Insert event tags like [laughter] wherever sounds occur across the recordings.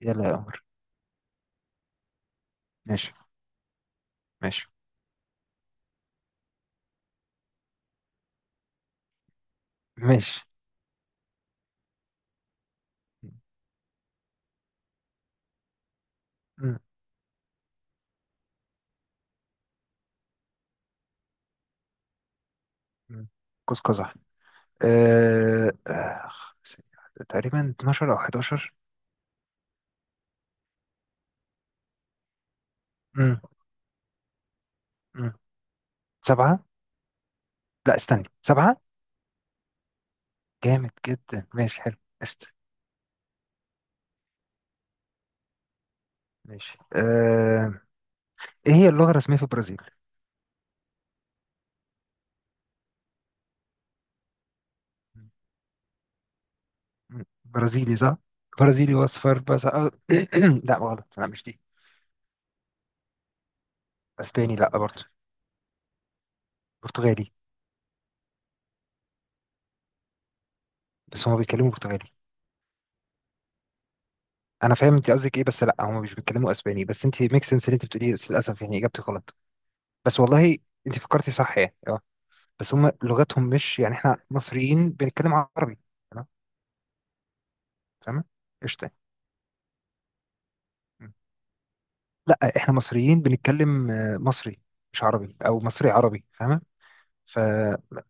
يلا يا قمر. ماشي. ماشي. ماشي. م- م. قوس قزح. أه... آه، تقريبا 12 أو 11. م- م. سبعة. لا استني، سبعة. جامد جدا، ماشي حلو. قشطة. ماشي. إيه هي اللغة الرسمية في البرازيل؟ برازيلي صح؟ برازيلي وأصفر بس. [clears throat] لا غلط، لا مش دي. أسباني لا برضه. برتغالي. بس هما بيتكلموا برتغالي. أنا فاهم أنت قصدك إيه، بس لا هما مش بيتكلموا أسباني، بس أنت ميك سنس اللي أنت بتقوليه، بس للأسف يعني إجابتك غلط. بس والله انت فكرتي صح يعني بس هم لغتهم مش، يعني احنا مصريين بنتكلم عربي. تمام. فاهمه. قشطه. مم. لا احنا مصريين بنتكلم مصري. مش عربي او مصري عربي، فاهمه. فخليجي.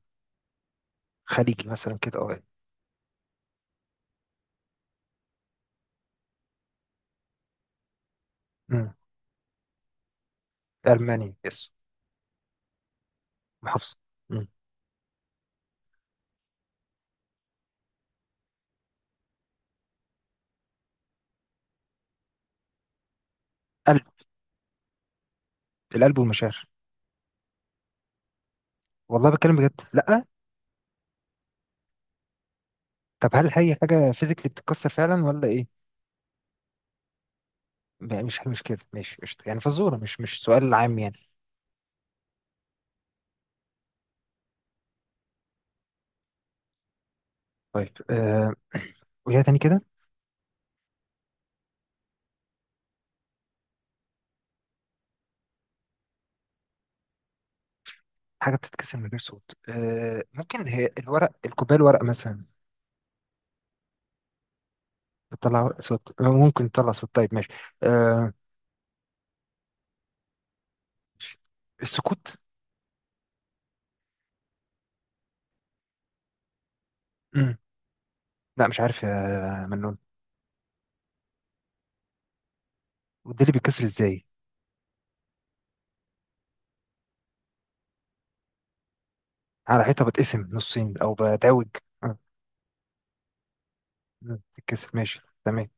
مثلا كده يعني. مم. الماني يس. محافظه. مم. قلب. القلب والمشاعر. والله بتكلم بجد، لا. طب هل هي حاجه فيزيكلي بتتكسر فعلا ولا ايه؟ لا، مش كده. ماشي قشطه، يعني فزوره مش سؤال عام يعني. طيب. [clears throat] وهي تاني كده. حاجه بتتكسر من غير صوت، ممكن هي الورق، الكوبايه الورق مثلا. بتطلع صوت، ممكن تطلع صوت، طيب ماشي. آه السكوت. مم. لا مش عارف يا منون. وده اللي بيتكسر ازاي؟ على حيطه بتقسم نصين او بتعوج. آه، مم. بتتكسر، ماشي تمام.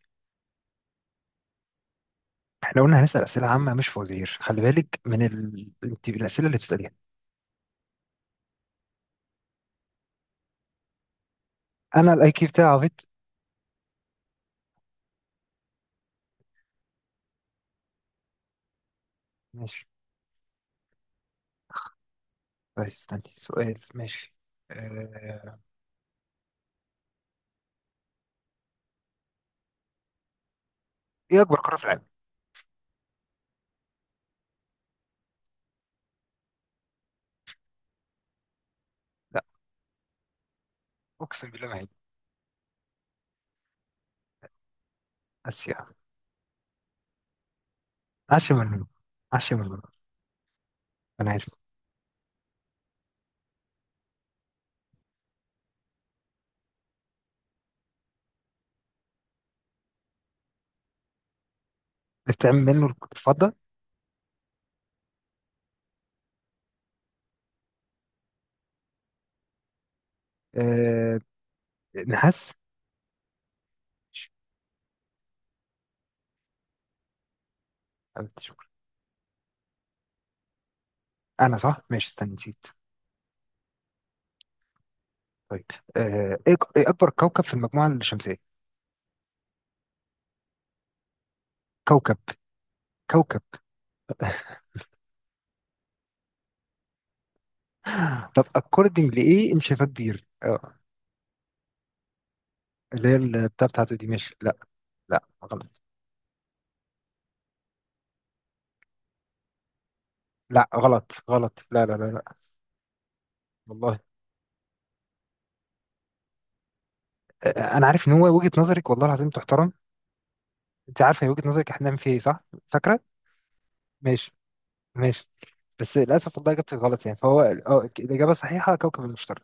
احنا قلنا هنسال اسئله عامه مش فوازير، خلي بالك انت الاسئله اللي بتساليها. انا الاي كيو بتاعي عبيط؟ ماشي. طيب استني سؤال، ماشي. آه... ايه اكبر قاره في العالم؟ لا. اقسم بالله ما هي. اسيا. عش منه، عش منه. انا عارف. بتعمل منه الفضه. آه... نحاس. ماشي. أنت شكرا. انا صح، ماشي استنى نسيت. طيب. آه... ايه إيه اكبر كوكب في المجموعه الشمسيه؟ كوكب. كوكب. طب اكوردنج لايه انت شايفاه كبير اللي هي البتاع بتاعته دي، ماشي لا. لا غلط. لا غلط غلط، لا لا لا لا. والله. آه... انا عارف ان هو وجهه نظرك، والله العظيم تحترم. انت عارفه هي وجهه نظرك احنا بنعمل فيها ايه، صح؟ فاكره. ماشي. ماشي. بس للاسف والله اجابتك غلط، يعني فهو الاجابه الصحيحه كوكب المشتري.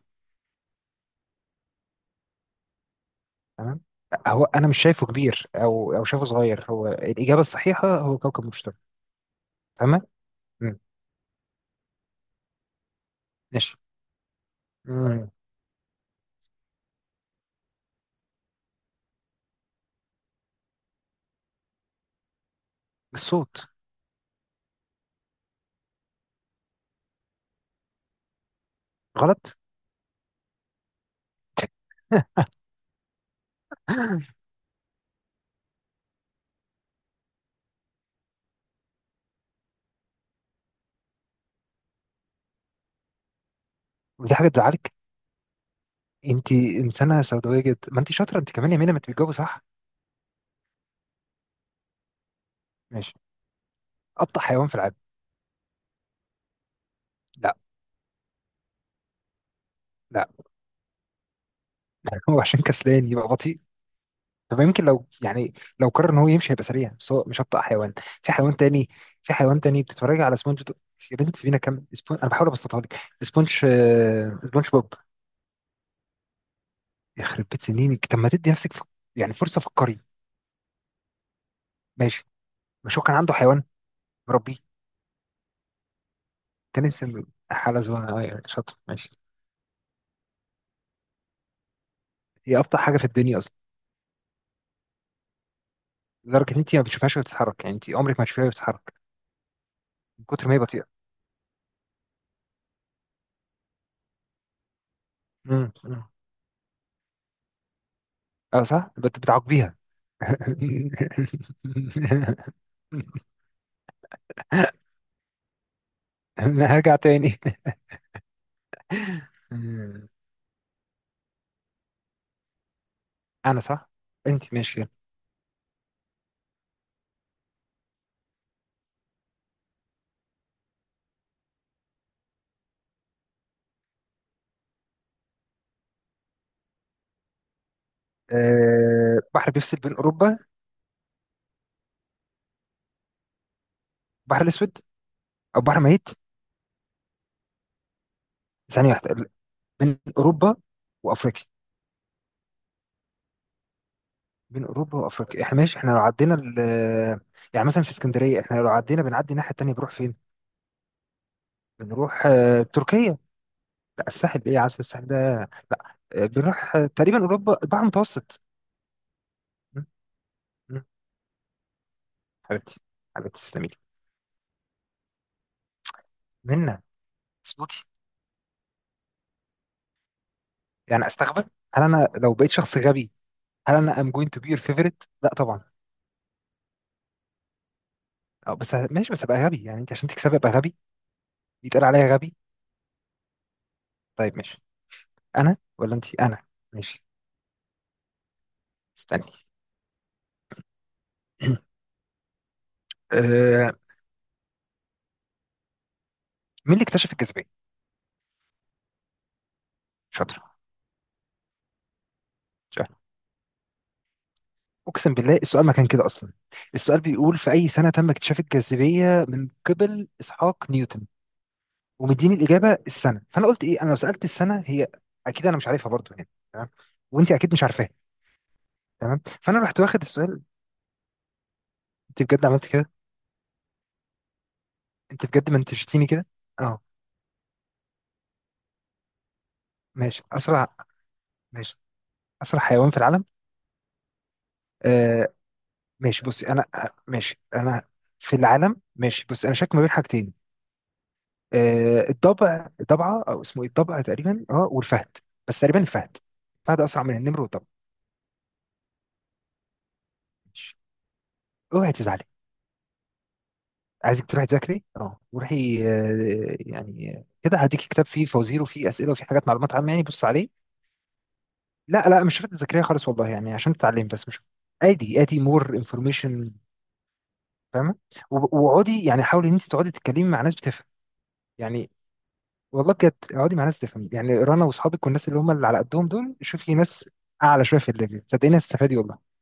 تمام. هو انا مش شايفه كبير او شايفه صغير، هو الاجابه الصحيحه هو كوكب المشتري. تمام. مم. ماشي. مم. الصوت. غلط. [laughs] ودي حاجه تزعلك؟ انت انسانه سوداويه جدا، ما انت شاطره انت كمان يا مينا، ما انت بتجاوبي صح. ماشي. ابطا حيوان في العالم؟ لا. لا. [laughs] هو عشان كسلان يبقى بطيء؟ طب يمكن لو يعني، لو قرر ان هو يمشي هيبقى سريع، بس هو مش ابطأ حيوان. في حيوان تاني. في حيوان تاني، بتتفرج على يا بنت سيبينا كم سبونج، انا بحاول ابسطها لك. سبونج بوب. يخرب بيت سنينك، طب ما تدي نفسك يعني فرصه، فكري. ماشي. مش هو كان عنده حيوان مربيه، كان اسم حاله زمان شاطر؟ ماشي. هي ابطأ حاجه في الدنيا اصلا، لدرجه ان انت ما بتشوفهاش وهي بتتحرك، يعني انت عمرك ما هتشوفيها وهي بتتحرك من كتر ما هي بطيئه. امم. اه صح، بتعاقبيها. [laughs] [laughs] هرجع تاني. آه، انا صح. انت ماشي، يلا. بحر بيفصل بين اوروبا؟ بحر الاسود. او بحر ميت. ثانيه واحده ال- بين اوروبا وافريقيا. بين اوروبا وافريقيا، احنا ماشي احنا لو عدينا يعني مثلا في اسكندريه احنا لو عدينا، بنعدي الناحيه التانيه بنروح فين؟ بنروح تركيا؟ لا الساحل ايه يا عسل، الساحل ده؟ لا بنروح تقريبا اوروبا، البحر المتوسط. م- م- حبيبتي، حبيبتي تسلمي لي. منا. صوتي. يعني استغبى؟ هل انا لو بقيت شخص غبي، هل انا ام جوينت تو بي يور فيفورت؟ لا طبعا. أو بس ماشي، بس ابقى غبي يعني، انت عشان تكسبي ابقى غبي يتقال عليا غبي؟ طيب ماشي. انا ولا انت؟ انا. ماشي استني. [clears throat] آه مين اللي اكتشف الجاذبيه؟ شاطر. شاطر. اقسم بالله السؤال ما كان كده اصلا. السؤال بيقول في اي سنه تم اكتشاف الجاذبيه من قبل اسحاق نيوتن، ومديني الاجابه السنه. فانا قلت ايه، انا لو سالت السنه هي اكيد انا مش عارفها برضو، يعني تمام. وانت اكيد مش عارفاها، تمام. فانا رحت واخد السؤال. انت بجد عملت كده؟ انت بجد منتجتيني كده؟ اه. ماشي اسرع. ماشي. اسرع حيوان في العالم. آه ماشي بصي انا، ماشي انا في العالم، ماشي بصي انا شاك ما بين حاجتين. آه الضبع، الضبعه او اسمه ايه، الضبع تقريبا والفهد. بس تقريبا الفهد. الفهد اسرع من النمر والضبع. ماشي. اوعي تزعلي. عايزك تروحي تذاكري، روحي، يعني كده هديك كتاب فيه فوازير وفيه اسئله وفيه حاجات معلومات عامه، يعني بص عليه. لا لا، مش شرط تذاكريها خالص والله، يعني عشان تتعلمي بس مش، ادي مور انفورميشن، فاهمه. واقعدي يعني حاولي ان انت تقعدي تتكلمي مع ناس بتفهم يعني، والله بجد اقعدي مع ناس تفهم يعني رنا واصحابك، والناس اللي هم اللي على قدهم دول، شوفي ناس اعلى شويه في الليفل، صدقيني هتستفادي والله.